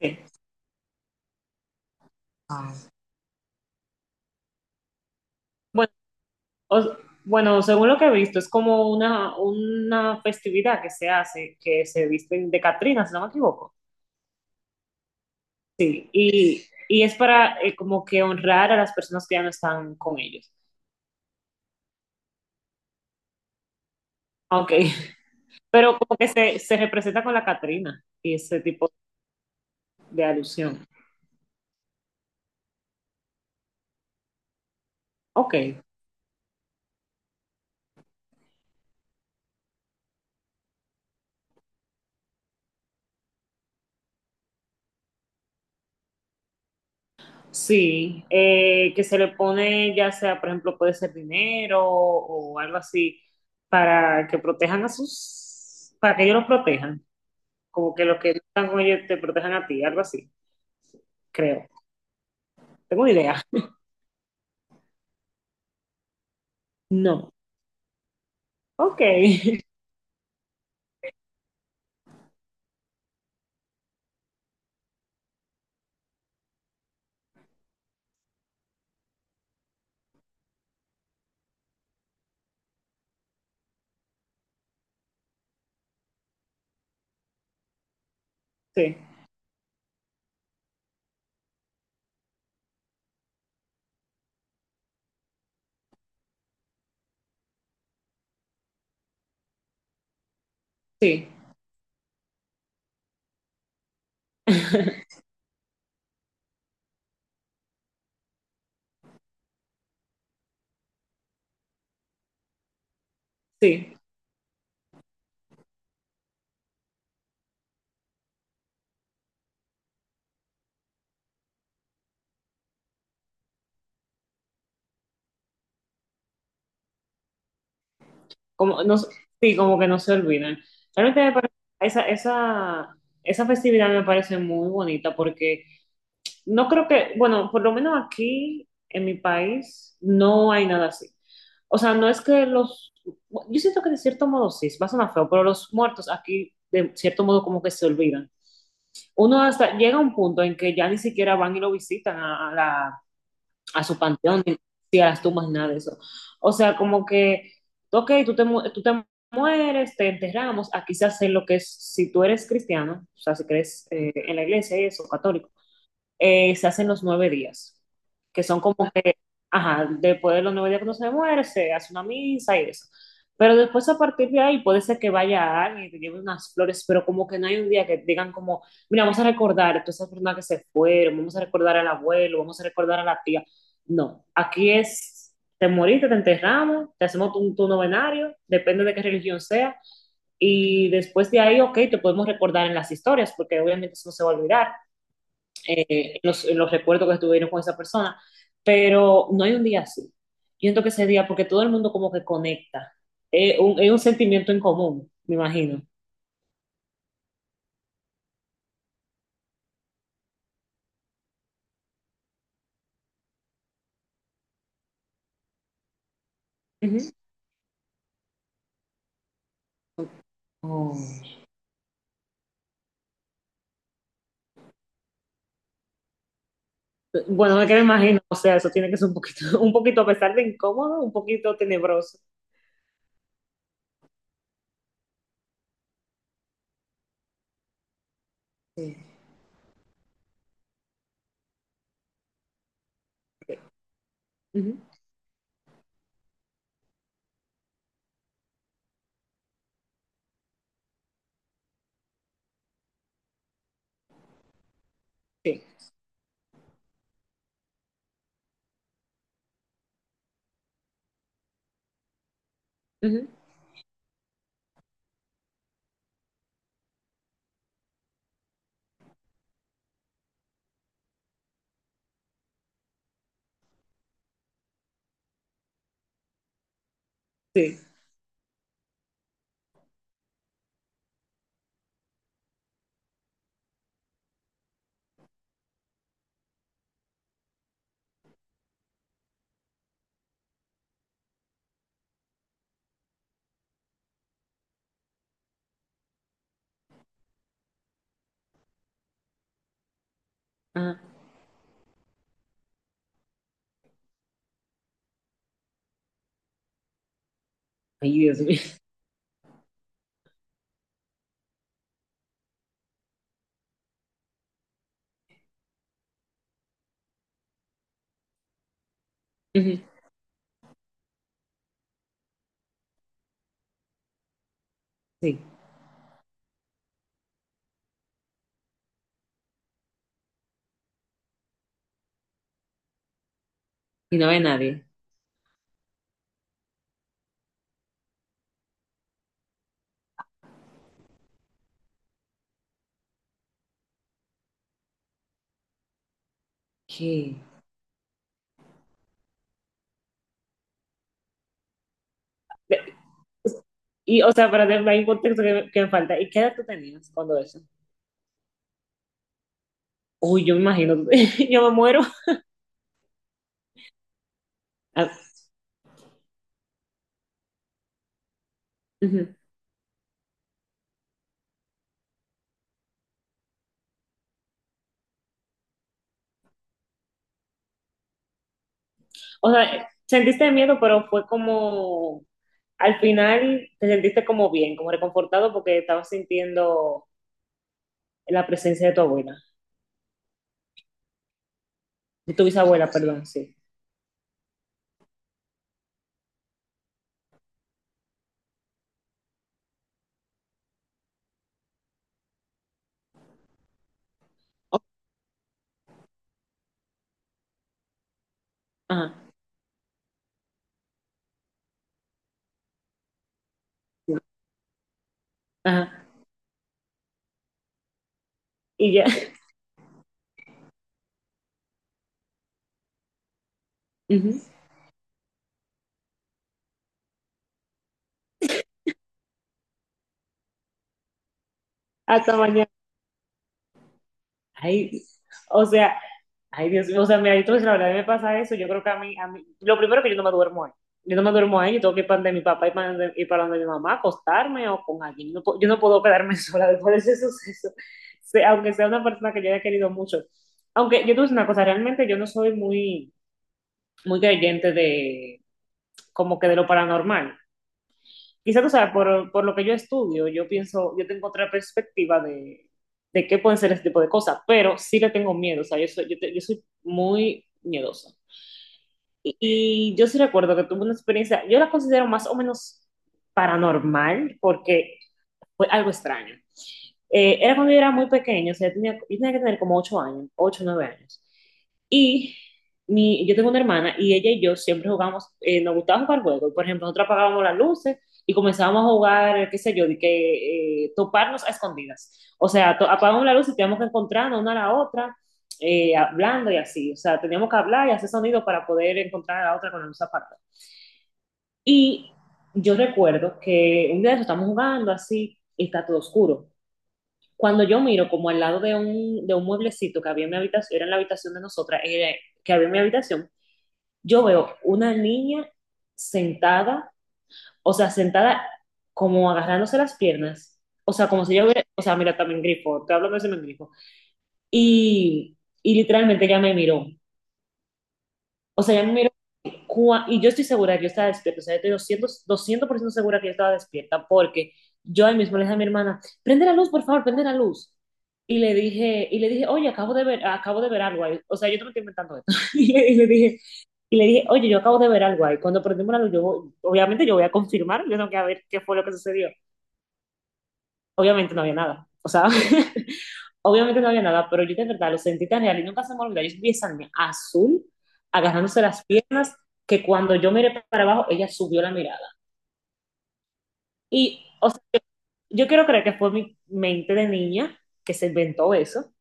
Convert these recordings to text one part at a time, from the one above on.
Sí. Ah, Bueno, o- bueno, según lo que he visto, es como una festividad que se hace, que se visten de Catrinas, si no me equivoco. Sí, y es para como que honrar a las personas que ya no están con ellos. Ok. Pero como que se representa con la Catrina y ese tipo de alusión. Ok, sí, que se le pone ya sea, por ejemplo, puede ser dinero o algo así, para que protejan a sus, para que ellos los protejan. Como que los que están con ellos te protejan a ti, algo así, creo. Tengo una idea. No. Ok. Sí, sí. Sí. Como, no, sí, como que no se olvidan. Realmente me parece- esa, esa, esa festividad me parece muy bonita porque no creo que, bueno, por lo menos aquí en mi país no hay nada así. O sea, no es que los, yo siento que de cierto modo sí, va a sonar feo, pero los muertos aquí de cierto modo como que se olvidan. Uno hasta llega a un punto en que ya ni siquiera van y lo visitan a su panteón, ni a las tumbas, ni nada de eso. O sea, como que, ok, tú te mueres, te enterramos. Aquí se hace lo que es, si tú eres cristiano, o sea, si crees en la iglesia y eso, católico, se hacen los 9 días, que son como que, ajá, después de los 9 días que uno se muere, se hace una misa y eso. Pero después a partir de ahí puede ser que vaya alguien y te lleve unas flores, pero como que no hay un día que digan como, mira, vamos a recordar a todas esas personas que se fueron, vamos a recordar al abuelo, vamos a recordar a la tía. No, aquí es, te moriste, te enterramos, te hacemos tu novenario, depende de qué religión sea, y después de ahí, ok, te podemos recordar en las historias, porque obviamente eso no se va a olvidar, eh, en los recuerdos que estuvieron con esa persona, pero no hay un día así. Yo siento que ese día, porque todo el mundo como que conecta, es un sentimiento en común, me imagino. Ujú. Oh. Bueno, no es que me imagino, o sea, eso tiene que ser un poquito, un poquito, a pesar de incómodo, un poquito tenebroso. Sí, ujú, sí, ujú, sí. Ajá. Ay, Dios mío. Ujú. Sí, y no ve nadie. ¿Qué? De- Y, o sea, para tener un contexto que me falta, ¿y qué edad tú tenías cuando eso? Uy, yo me imagino, yo me muero. Ah, ujú. O sea, sentiste miedo, pero fue como, al final te sentiste como bien, como reconfortado porque estabas sintiendo la presencia de tu abuela, de tu bisabuela, perdón, sí. Ajá, sí, ajá. Y ya. Ujú. Hasta mañana. Ay, o sea, ay, Dios mío, o sea, mira, yo te voy a decir la verdad, a mí me pasa eso, yo creo que a mí, lo primero que yo no me duermo ahí, yo no me duermo ahí, yo tengo que ir para donde mi papá y para donde mi mamá, acostarme o con alguien, no, yo no puedo quedarme sola después de ese suceso. Aunque sea una persona que yo haya querido mucho, aunque yo te voy a decir una cosa, realmente yo no soy muy creyente de, como que de lo paranormal, quizás tú sabes, por lo que yo estudio, yo pienso, yo tengo otra perspectiva de qué pueden ser este tipo de cosas, pero sí le tengo miedo, o sea, yo soy, yo soy muy miedosa. Y yo sí recuerdo que tuve una experiencia, yo la considero más o menos paranormal, porque fue algo extraño. Era cuando yo era muy pequeño, o sea, yo tenía que tener como 8 años, 8 9 años. Y mi, yo tengo una hermana y ella y yo siempre jugamos, nos gustaba jugar juegos. Por ejemplo, nosotros apagábamos las luces y comenzábamos a jugar, qué sé yo, de que toparnos a escondidas. O sea, apagábamos la luz y teníamos que encontrarnos una a la otra, hablando y así. O sea, teníamos que hablar y hacer sonido para poder encontrar a la otra con la luz apagada. Y yo recuerdo que un día de eso estamos jugando así y está todo oscuro. Cuando yo miro como al lado de un mueblecito que había en mi habitación, era en la habitación de nosotras, que había en mi habitación, yo veo una niña sentada, o sea, sentada como agarrándose las piernas, o sea, como si yo hubiera, o sea, mira, también grifo, te hablo de ese mismo grifo, y literalmente ella me miró, o sea, ella me miró. Y yo estoy segura que yo estaba despierta, o sea, yo estoy 200% 200% segura que yo estaba despierta, porque yo ahí mismo le dije a mi hermana, prende la luz, por favor, prende la luz. Y le dije, oye, acabo de ver algo ahí. O sea, yo te me estoy inventando esto. Y le dije, oye, yo acabo de ver algo ahí. Cuando prendemos la luz, obviamente yo voy a confirmar, yo tengo que ver qué fue lo que sucedió. Obviamente no había nada. O sea, obviamente no había nada, pero yo de verdad lo sentí tan real y nunca se me olvidó. Yo vi esa niña azul, agarrándose las piernas, que cuando yo miré para abajo, ella subió la mirada. Y, o sea, yo quiero creer que fue mi mente de niña que se inventó eso,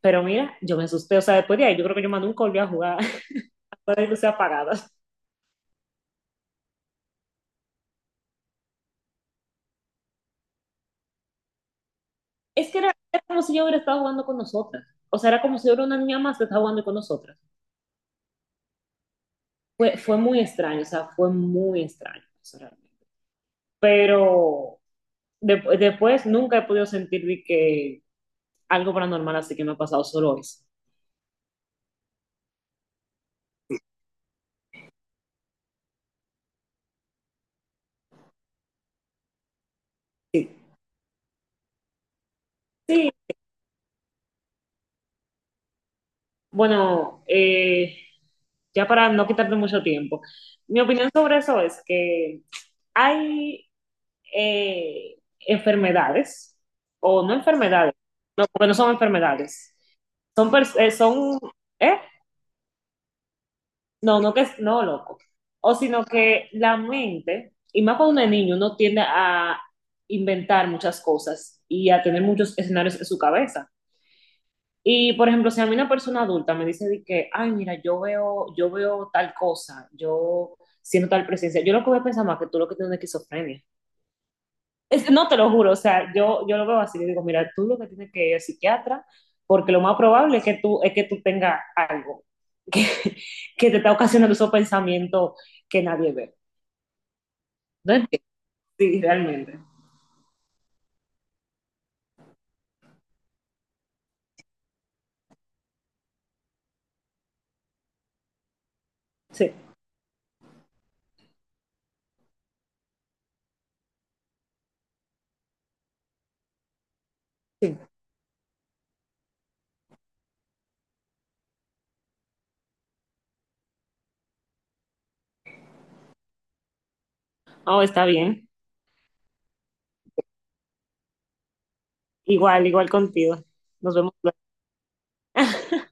pero mira, yo me asusté. O sea, después de ahí, yo creo que yo más nunca volví a jugar con las luces apagadas. Es que era, era como si yo hubiera estado jugando con nosotras. O sea, era como si yo era una niña más que estaba jugando con nosotras. Fue muy extraño, o sea, fue muy extraño eso realmente. Pero después nunca he podido sentir de que algo paranormal así que me ha pasado solo eso. Sí. Sí, bueno, ya para no quitarte mucho tiempo, mi opinión sobre eso es que hay enfermedades, o no enfermedades, no, porque no son enfermedades, son, ¿eh? No, loco. O sino que la mente, y más cuando uno es niño, uno tiende a inventar muchas cosas y a tener muchos escenarios en su cabeza. Y por ejemplo, si a mí una persona adulta me dice de que, ay, mira, yo veo tal cosa, yo siento tal presencia, yo lo que voy a pensar más que tú lo que tienes es esquizofrenia. No te lo juro, o sea, yo lo veo así, le digo, mira, tú lo que tienes que ir al psiquiatra, porque lo más probable es que tú tengas algo que, que te está ocasionando esos pensamientos que nadie ve. ¿No entiendes? Sí, realmente. Sí, sí. Oh, está bien. Igual, igual contigo. Nos vemos luego.